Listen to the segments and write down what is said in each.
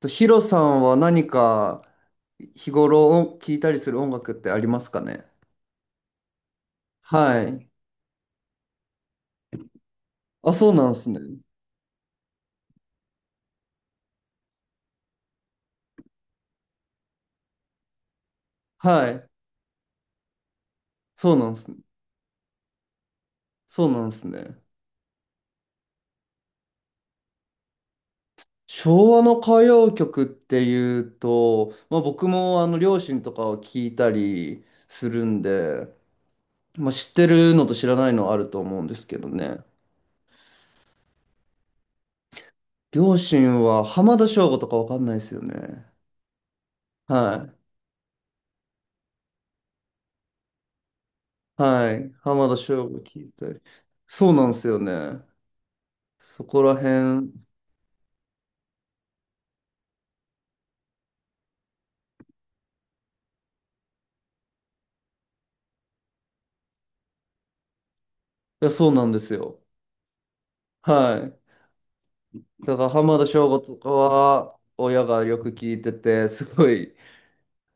と、ヒロさんは何か日頃聴いたりする音楽ってありますかね？はい。あ、そうなんですね。はい。そうなんですね。そうなんですね。昭和の歌謡曲っていうと、まあ、僕もあの両親とかを聞いたりするんで、まあ、知ってるのと知らないのあると思うんですけどね。両親は浜田省吾とかわかんないですよね。はい。はい。浜田省吾聞いたり。そうなんですよね。そこら辺、いや、そうなんですよ。はい。だから浜田省吾とかは親がよく聞いてて、すごい、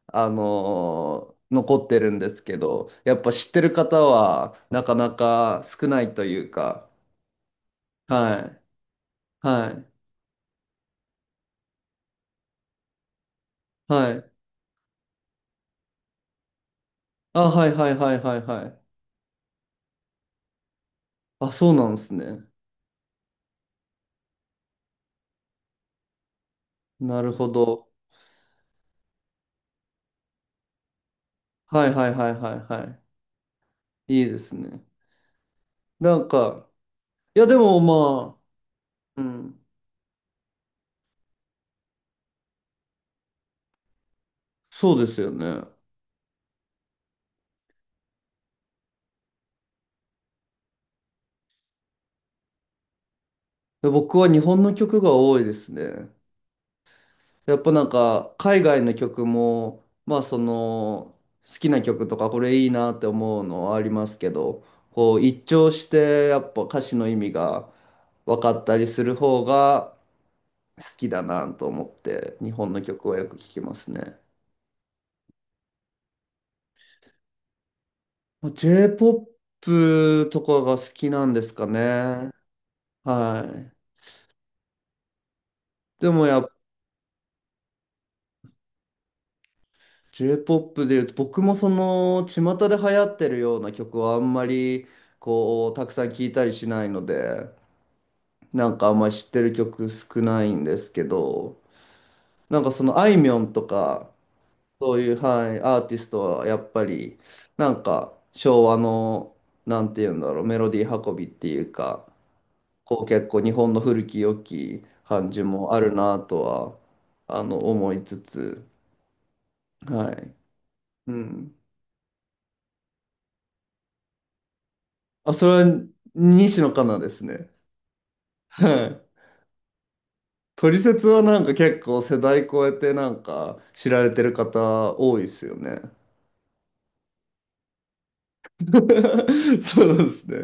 残ってるんですけど、やっぱ知ってる方はなかなか少ないというか、はい。はい。はい。あ、はいはいはいはいはい。あ、そうなんですね。なるほど。はいはいはいはいはい。いいですね。なんか、いやでもまあ、うん、そうですよね。僕は日本の曲が多いですね。やっぱなんか海外の曲もまあその好きな曲とかこれいいなって思うのはありますけど、こう一聴してやっぱ歌詞の意味が分かったりする方が好きだなと思って日本の曲はよく聴きますね。まあ J-POP とかが好きなんですかね。はい。でもやっ J-POP で言うと僕もその巷で流行ってるような曲はあんまりこうたくさん聴いたりしないので、なんかあんまり知ってる曲少ないんですけど、なんかそのあいみょんとか、そういう、はい、アーティストはやっぱりなんか昭和の、なんて言うんだろう、メロディー運びっていうか、こう結構日本の古き良き感じもあるなとは、あの、思いつつ、はい。うん、あ、それは西野カナですね。はい。トリセツはなんか結構世代超えてなんか知られてる方多いですよね。そうですね。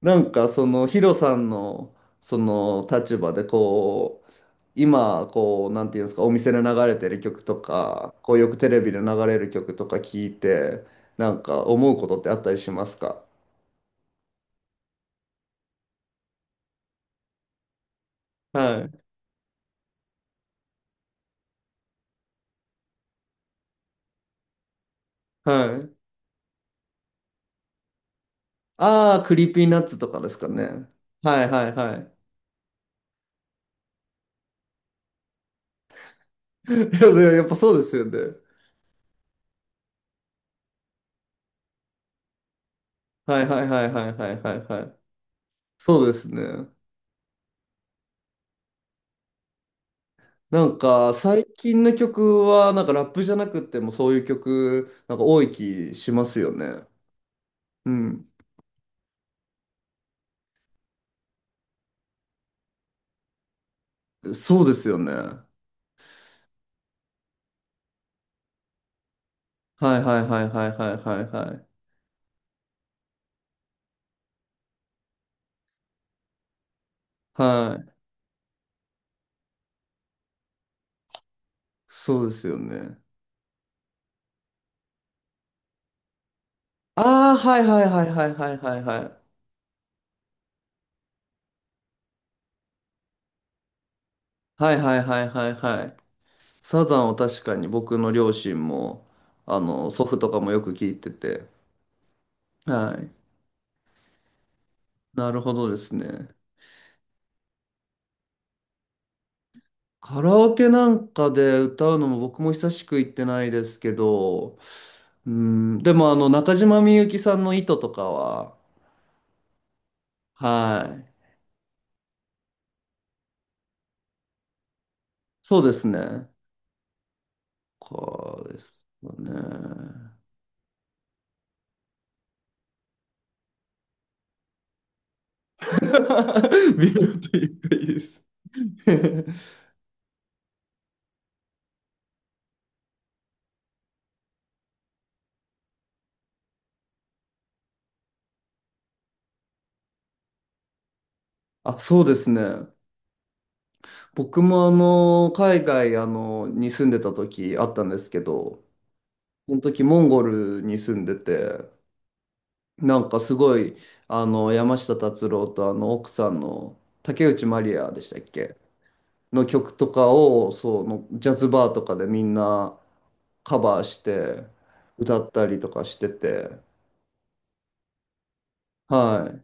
なんかそのヒロさんのその立場でこう今こうなんていうんですか、お店で流れてる曲とかこうよくテレビで流れる曲とか聞いて、なんか思うことってあったりしますか？はいはい。ああ、クリーピーナッツとかですかね。はいはいはい。いや、やっぱそうですよね。はいはいはいはいはいはいはい。そうですね。なんか最近の曲はなんかラップじゃなくてもそういう曲なんか多い気しますよね。うん。そうですよね。はいはいはいはいはいはいはい。はい。そうですよね。ああ、はいはいはいはいはいはいはい。はいはいはいはいはい。サザンを確かに僕の両親もあの祖父とかもよく聞いてて。はい。なるほどですね。カラオケなんかで歌うのも僕も久しく行ってないですけど、うん、でもあの中島みゆきさんの糸とかは、はい、そうですね。こうですよね。微妙というかいいです。あ、そうですね。僕もあの海外あのに住んでた時あったんですけど、その時モンゴルに住んでて、なんかすごい、あの、山下達郎とあの奥さんの竹内まりやでしたっけの曲とかを、そう、のジャズバーとかでみんなカバーして歌ったりとかしてて、はい。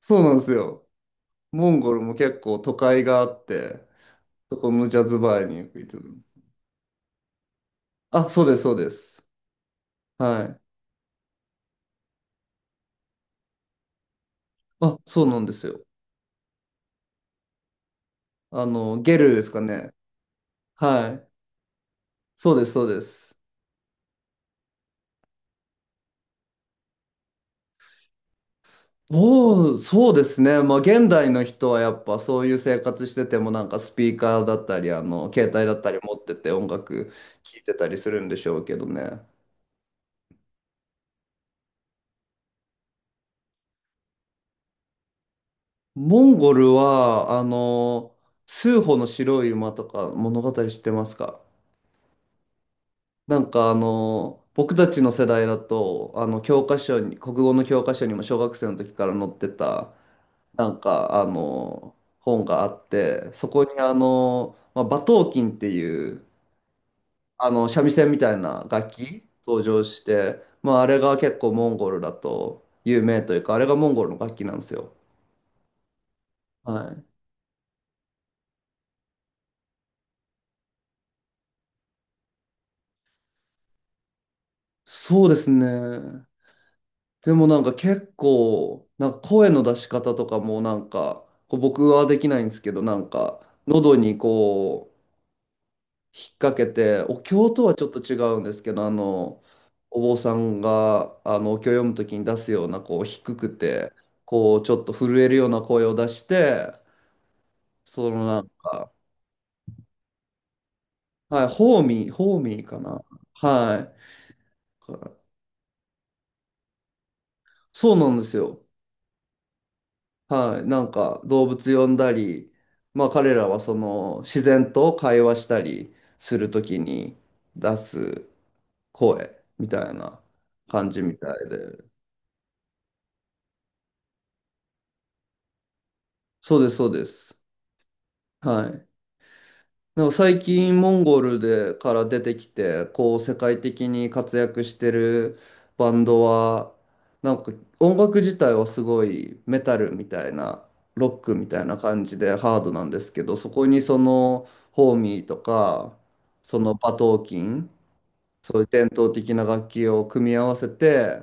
そうなんですよ。モンゴルも結構都会があって、そこのジャズバーによく行ってます。あ、そうです、そうです。はい。あ、そうなんですよ。あの、ゲルですかね。はい。そうです、そうです。おー、そうですね。まあ、現代の人はやっぱそういう生活しててもなんかスピーカーだったり、あの、携帯だったり持ってて音楽聴いてたりするんでしょうけどね。モンゴルは、あの、スーホの白い馬とか物語知ってますか？なんかあの、僕たちの世代だと、あの、教科書に、国語の教科書にも小学生の時から載ってた、なんかあの、本があって、そこにあの、まあ、馬頭琴っていう、あの、三味線みたいな楽器登場して、まあ、あれが結構モンゴルだと有名というか、あれがモンゴルの楽器なんですよ。はい。そうですね。でもなんか結構、なんか声の出し方とかもなんか、こう僕はできないんですけど、なんか、喉にこう、引っ掛けて、お経とはちょっと違うんですけど、あの、お坊さんが、あの、お経を読むときに出すような、こう、低くて、こう、ちょっと震えるような声を出して、そのなんか、はい、ホーミー、ホーミーかな。はい。そうなんですよ。はい。なんか動物呼んだり、まあ彼らはその自然と会話したりするときに出す声みたいな感じみたいで。そうです、そうです。はい。なんか最近モンゴルでから出てきてこう世界的に活躍してるバンドは、なんか音楽自体はすごいメタルみたいなロックみたいな感じでハードなんですけど、そこにそのホーミーとか、そのバトーキン、そういう伝統的な楽器を組み合わせて、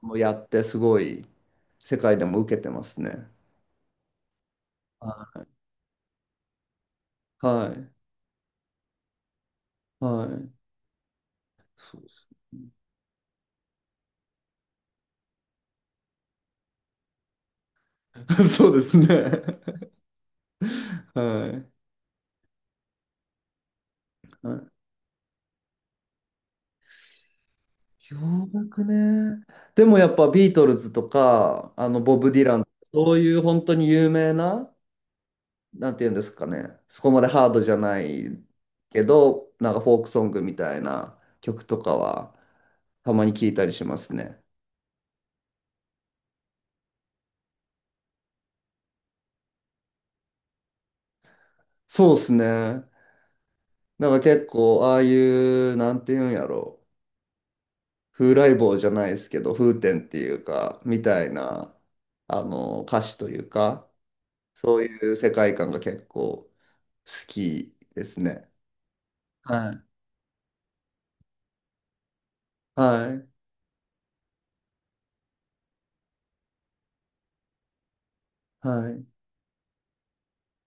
もうやってすごい世界でも受けてますね。はいはい。はい。そうですね。そうですね。はい。うん、洋楽ね。でもやっぱビートルズとか、あのボブ・ディラン、そういう本当に有名な、なんていうんですかね、そこまでハードじゃないけど、なんかフォークソングみたいな曲とかは、たまに聞いたりしますね。そうですね。なんか結構、ああいう、なんていうんやろ、風来坊じゃないですけど、風天っていうか、みたいな、あの、歌詞というか、そういう世界観が結構、好きですね。はい。はい。はい。